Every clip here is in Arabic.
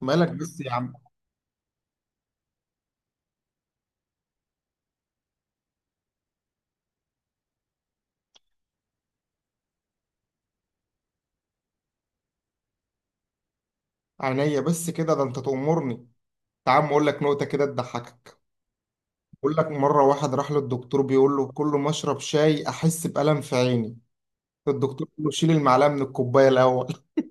مالك بس يا عم؟ عينيا، بس كده ده انت تأمرني. تعال اقول لك نقطة كده تضحكك. بقول لك مرة واحد راح للدكتور بيقول له: كل ما اشرب شاي احس بألم في عيني. الدكتور بيقول له: شيل المعلقة من الكوباية الأول.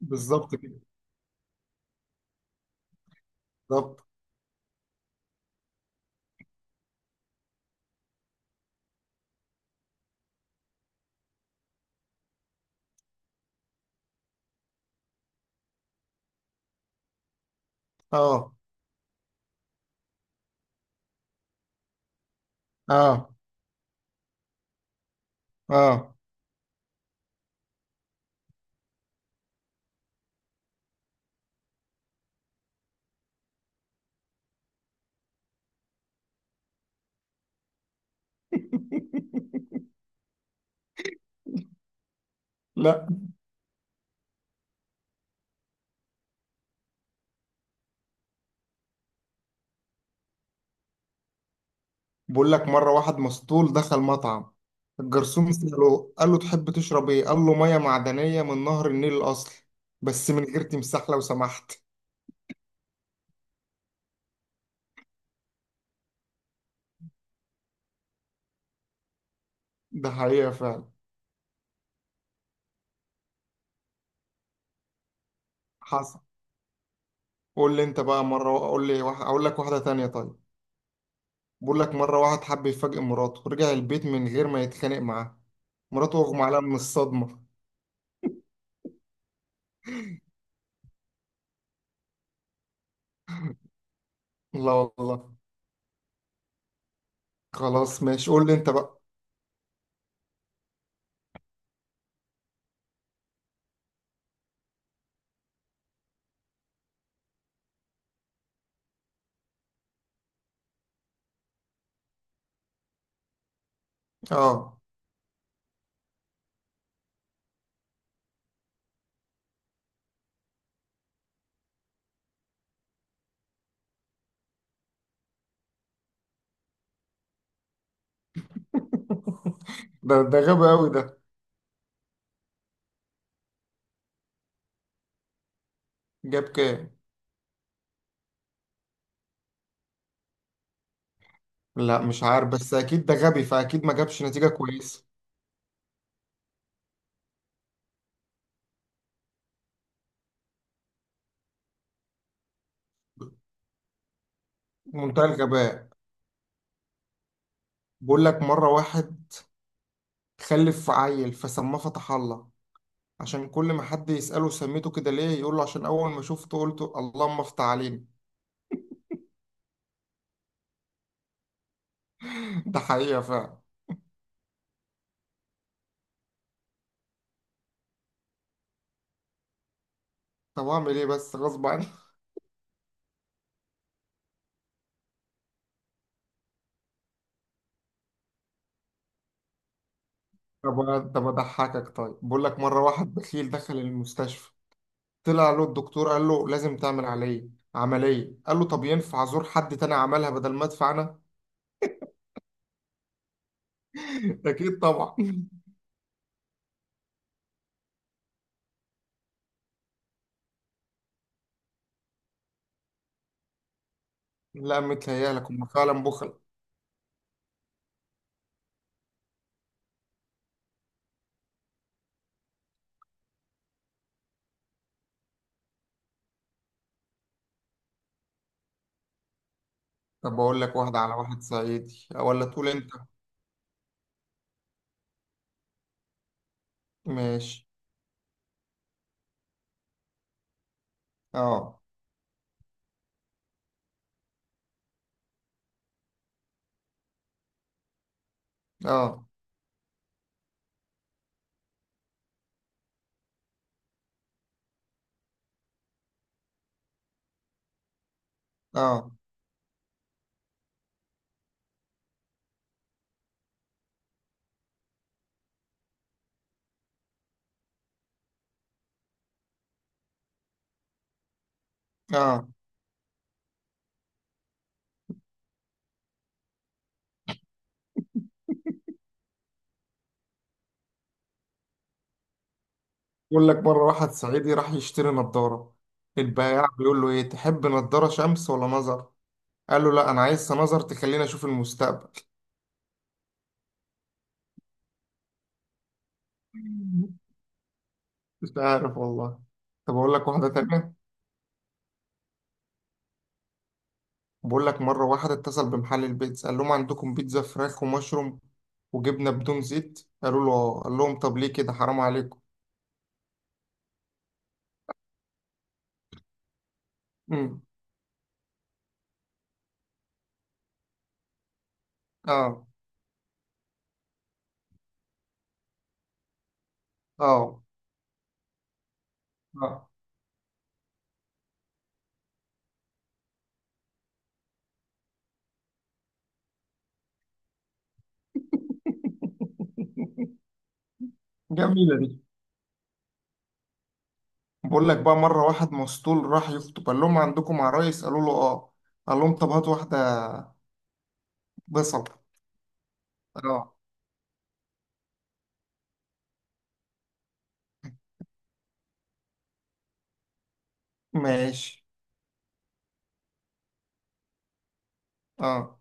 بالظبط كده. بالظبط. اه، اه، اه. لا. بقول لك مرة واحد مسطول دخل مطعم. الجرسون سأله، قال له: تحب تشرب ايه؟ قال له: مية معدنية من نهر النيل الأصل، بس من غير تمساح لو سمحت. ده حقيقة فعلا. حصل. قول لي انت بقى مره، اقول لي واحد اقول لك واحده تانية، طيب؟ بقول لك مره واحد حب يفاجئ مراته، رجع البيت من غير ما يتخانق معاها. مراته اغمى عليها من الصدمه. لا والله. خلاص ماشي، قول لي انت بقى. اه. ده غبي قوي ده. جاب كام؟ لا، مش عارف، بس اكيد ده غبي فاكيد ما جابش نتيجه كويسه. منتهى الغباء. بقول لك مره واحد خلف عيل فسماه فتح الله. عشان كل ما حد يسأله سميته كده ليه، يقول له: عشان أول ما شفته قلت اللهم افتح علينا. ده حقيقة فعلا. طب اعمل ايه بس؟ غصب عني. طب اضحكك، طيب. بقول لك مره واحد بخيل دخل المستشفى. طلع له الدكتور قال له: لازم تعمل عمليه. قال له: طب ينفع ازور حد تاني عملها بدل ما ادفع انا؟ اكيد طبعا. لا، متهيألك هم فعلا بخل. طب اقول لك واحده على واحد صعيدي ولا تقول انت؟ ماشي. اه، اه، اه، اه. بقول لك مره واحد صعيدي راح يشتري نظاره. البياع بيقول له: ايه، تحب نظاره شمس ولا نظر؟ قال له: لا، انا عايز سنظر تخليني اشوف المستقبل. مش عارف والله. طب اقول لك واحده تانية. بقول لك مره واحد اتصل بمحل البيتزا، قال لهم: عندكم بيتزا فراخ ومشروم وجبنه بدون زيت؟ قالوا له: اه. قال لهم: طب ليه كده، حرام عليكم. امم. اه، اه، اه. جميله دي. بقول لك بقى مره واحد مسطول راح يخطب، قال لهم: عندكم عرايس؟ قالوا له: اه. قال لهم: طب هات واحده. بصل. اه. ماشي. اه.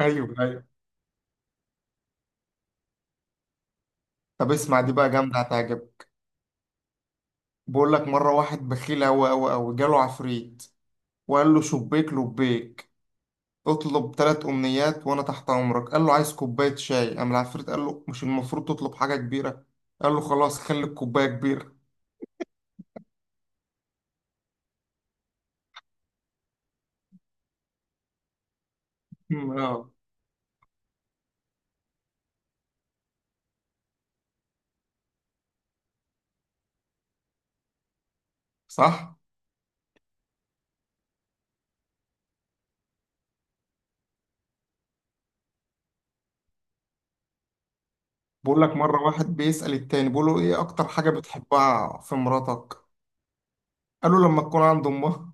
ايوه، ايوه. طب اسمع دي بقى، جامده، هتعجبك. بقول لك مرة واحد بخيل أوي أوي أوي جاله عفريت وقال له: شبيك لبيك، اطلب 3 أمنيات وأنا تحت أمرك. قال له: عايز كوباية شاي. قام العفريت قال له: مش المفروض تطلب حاجة كبيرة؟ قال له: خلاص خلي الكوباية كبيرة. آه. صح. بقول لك مرة واحد بيسأل التاني بيقول له: إيه أكتر حاجة بتحبها في مراتك؟ قال له: لما تكون عند أمها.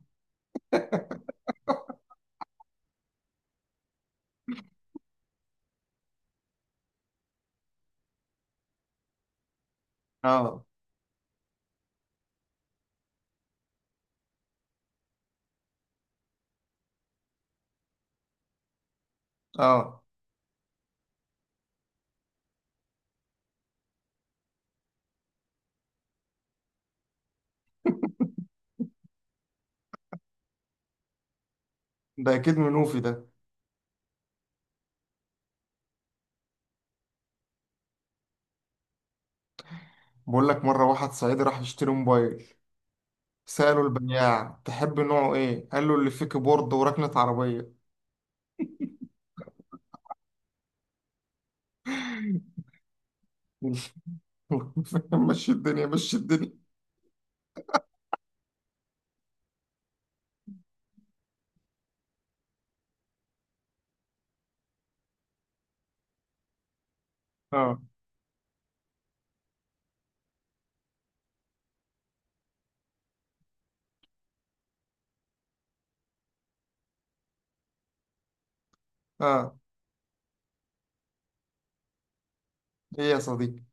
آه، آه. ده أكيد منوفي ده. بقول لك مرة واحد صعيدي راح يشتري موبايل. سألوا البياع: تحب نوعه إيه؟ قال له: اللي فيه كيبورد وركنة عربية. مشي الدنيا، مشي الدنيا. آه، آه. إيه يا صديقي؟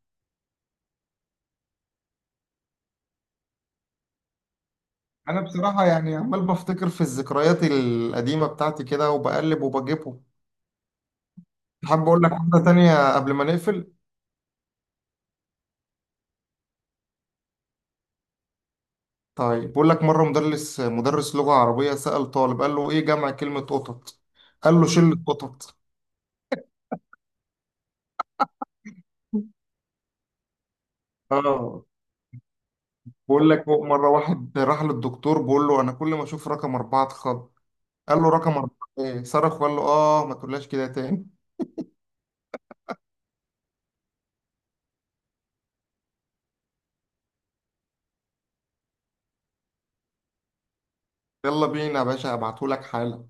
أنا بصراحة يعني عمال بفتكر في الذكريات القديمة بتاعتي كده وبقلب وبجيبهم. حابب أقول لك حاجة تانية قبل ما نقفل. طيب بقول لك مرة مدرس لغة عربية سأل طالب، قال له: إيه جمع كلمة قطط؟ قال له: شلة قطط. آه. بقول لك مرة واحد راح للدكتور بقول له: أنا كل ما أشوف رقم 4 أتخض. قال له: رقم 4 ايه، صرخ وقال له: اه، ما تقولهاش كده تاني. يلا بينا يا باشا، هبعتهولك حالا.